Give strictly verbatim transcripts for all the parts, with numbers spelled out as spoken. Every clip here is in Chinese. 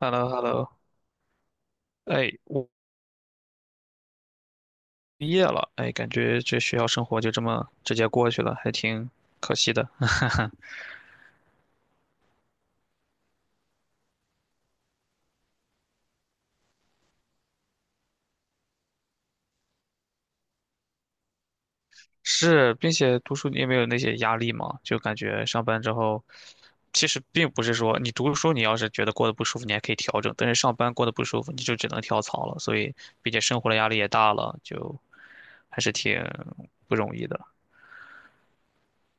h e l l o h e l l o 哎，我毕业了，哎，感觉这学校生活就这么直接过去了，还挺可惜的。是，并且读书你也没有那些压力嘛，就感觉上班之后，其实并不是说你读书，你要是觉得过得不舒服，你还可以调整，但是上班过得不舒服，你就只能跳槽了。所以，并且生活的压力也大了，就还是挺不容易的。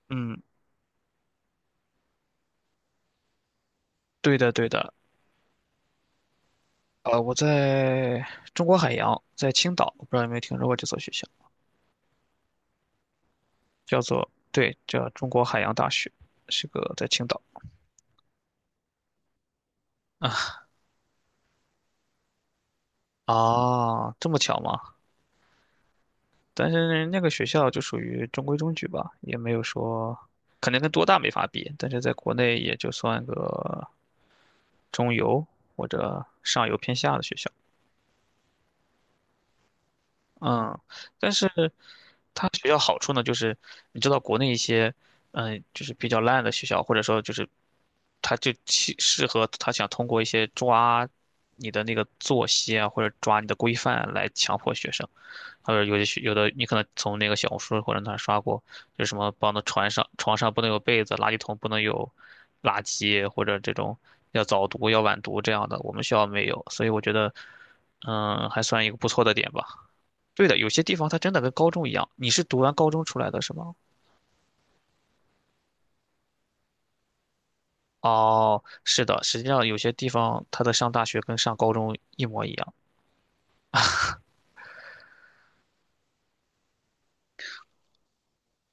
嗯，对的，对的。呃，我在中国海洋，在青岛，不知道有没有听说过这所学校。叫做对，叫中国海洋大学，是个在青岛啊，这么巧吗？但是那个学校就属于中规中矩吧，也没有说，肯定跟多大没法比，但是在国内也就算个中游或者上游偏下的学校。嗯，但是它学校好处呢，就是你知道国内一些，嗯，就是比较烂的学校，或者说就是他就其适合他想通过一些抓你的那个作息啊，或者抓你的规范来强迫学生。还有有的学有的你可能从那个小红书或者哪儿刷过，就是什么帮的床上床上不能有被子，垃圾桶不能有垃圾，或者这种要早读要晚读这样的，我们学校没有，所以我觉得，嗯，还算一个不错的点吧。对的，有些地方它真的跟高中一样。你是读完高中出来的是吗？哦，是的，实际上有些地方它的上大学跟上高中一模一样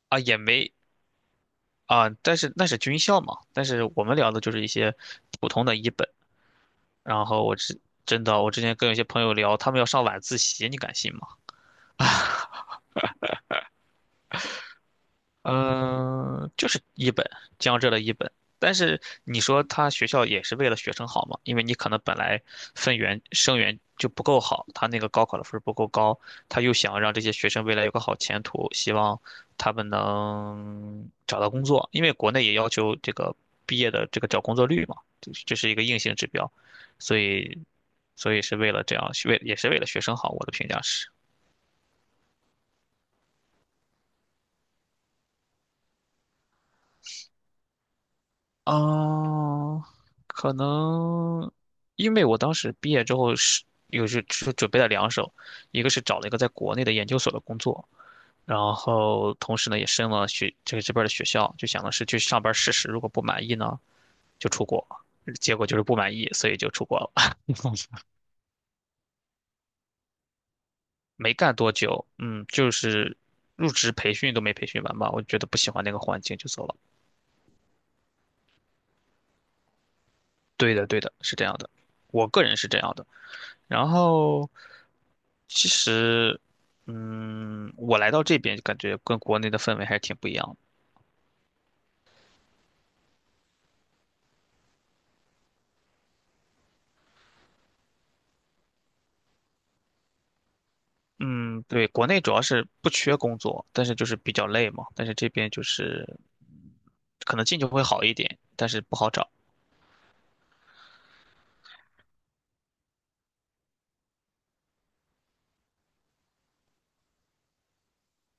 啊，也没啊，但是那是军校嘛。但是我们聊的就是一些普通的一本。然后我之真的，我之前跟有些朋友聊，他们要上晚自习，你敢信吗？嗯、呃就是一本江浙的一本，但是你说他学校也是为了学生好嘛？因为你可能本来分源生源就不够好，他那个高考的分儿不够高，他又想让这些学生未来有个好前途，希望他们能找到工作，因为国内也要求这个毕业的这个找工作率嘛，这是这是一个硬性指标，所以所以是为了这样，为也是为了学生好，我的评价是。嗯，可能因为我当时毕业之后是又是是准备了两手，一个是找了一个在国内的研究所的工作，然后同时呢也申了学这个这边儿的学校，就想的是去上班试试，如果不满意呢就出国，结果就是不满意，所以就出国了。没干多久，嗯，就是入职培训都没培训完吧，我觉得不喜欢那个环境就走了。对的，对的，是这样的，我个人是这样的。然后其实，嗯，我来到这边感觉跟国内的氛围还是挺不一样的。嗯，对，国内主要是不缺工作，但是就是比较累嘛。但是这边就是可能进去会好一点，但是不好找。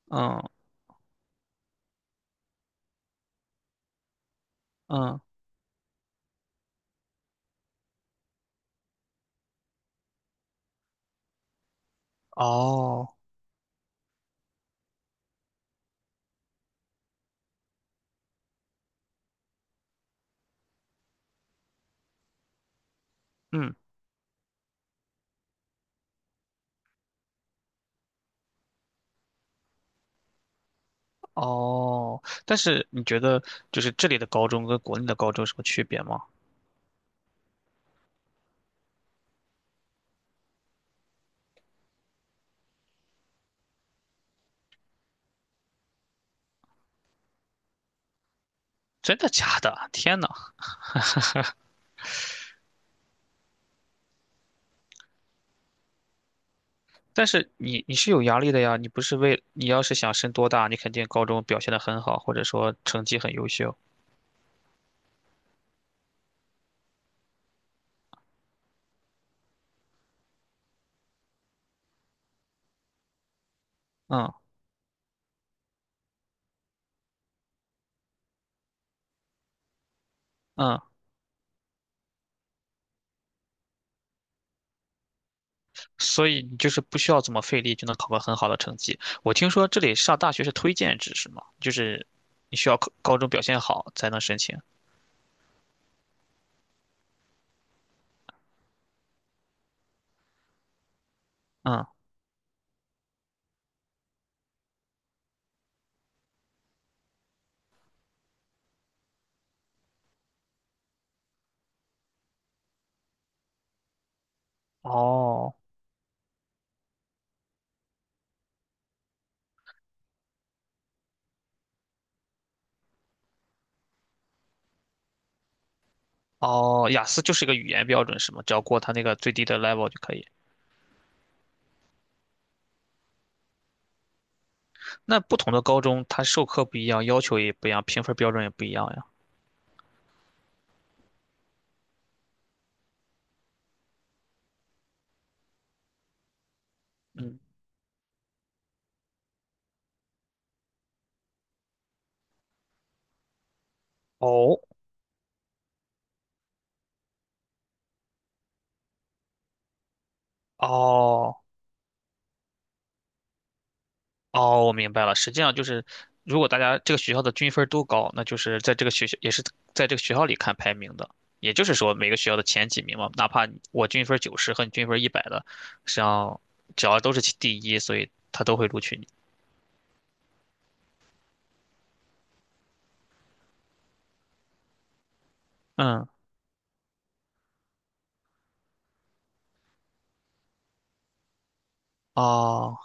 嗯嗯，哦，嗯哦，但是你觉得就是这里的高中跟国内的高中有什么区别吗？真的假的？天呐！但是你你是有压力的呀，你不是为你要是想升多大，你肯定高中表现得很好，或者说成绩很优秀，嗯嗯，所以你就是不需要怎么费力就能考个很好的成绩。我听说这里上大学是推荐制是吗？就是你需要高高中表现好才能申请。嗯，哦哦，雅思就是一个语言标准是吗？只要过它那个最低的 level 就可以。那不同的高中它授课不一样，要求也不一样，评分标准也不一样呀。嗯，哦哦。哦，我明白了。实际上就是，如果大家这个学校的均分儿都高，那就是在这个学校也是在这个学校里看排名的。也就是说，每个学校的前几名嘛，哪怕你我均分九十和你均分一百的，实际上只要都是其第一，所以他都会录取你。嗯，哦，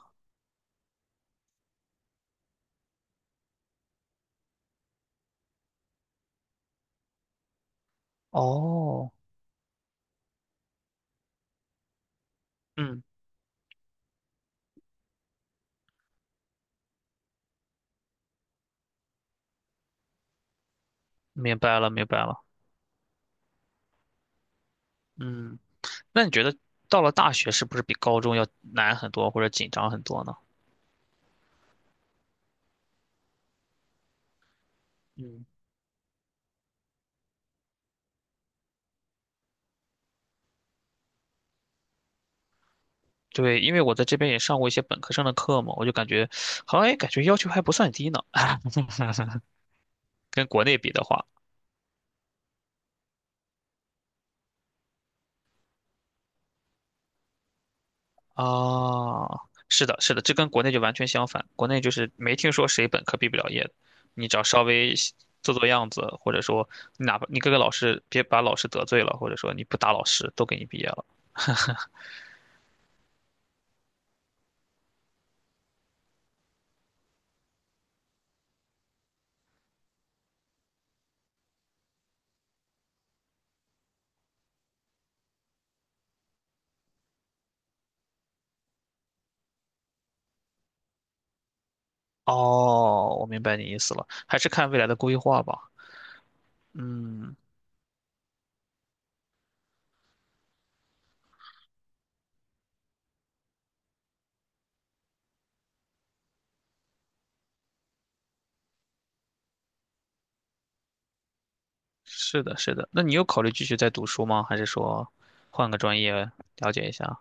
哦，嗯，明白了，明白了。嗯，那你觉得到了大学是不是比高中要难很多或者紧张很多呢？嗯。对，因为我在这边也上过一些本科生的课嘛，我就感觉好像也感觉要求还不算低呢。跟国内比的话，啊，是的，是的，这跟国内就完全相反。国内就是没听说谁本科毕不了业的，你只要稍微做做样子，或者说你哪怕你各个老师别把老师得罪了，或者说你不打老师，都给你毕业了。哦，我明白你意思了，还是看未来的规划吧。嗯，是的，是的。那你有考虑继续再读书吗？还是说换个专业了解一下？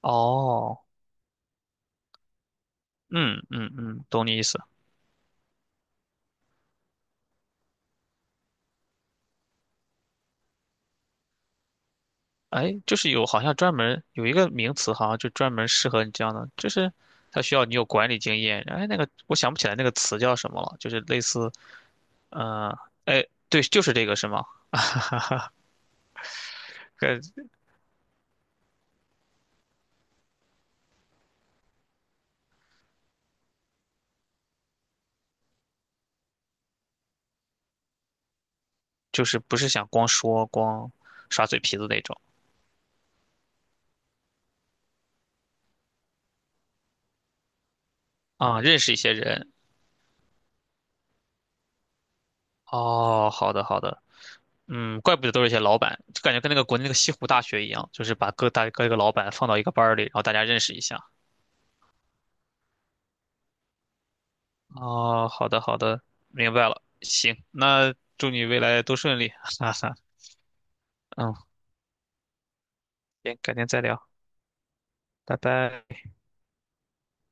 哦，嗯嗯嗯，懂你意思。哎，就是有好像专门有一个名词，好像就专门适合你这样的，就是它需要你有管理经验。哎，那个我想不起来那个词叫什么了，就是类似，呃，哎，对，就是这个是吗？呃，就是不是想光说光耍嘴皮子那种啊，认识一些人。哦，好的好的，嗯，怪不得都是一些老板，就感觉跟那个国内那个西湖大学一样，就是把各大各个老板放到一个班儿里，然后大家认识一下。哦，好的好的，明白了。行，那祝你未来都顺利，哈哈。嗯，行，改天再聊，拜拜。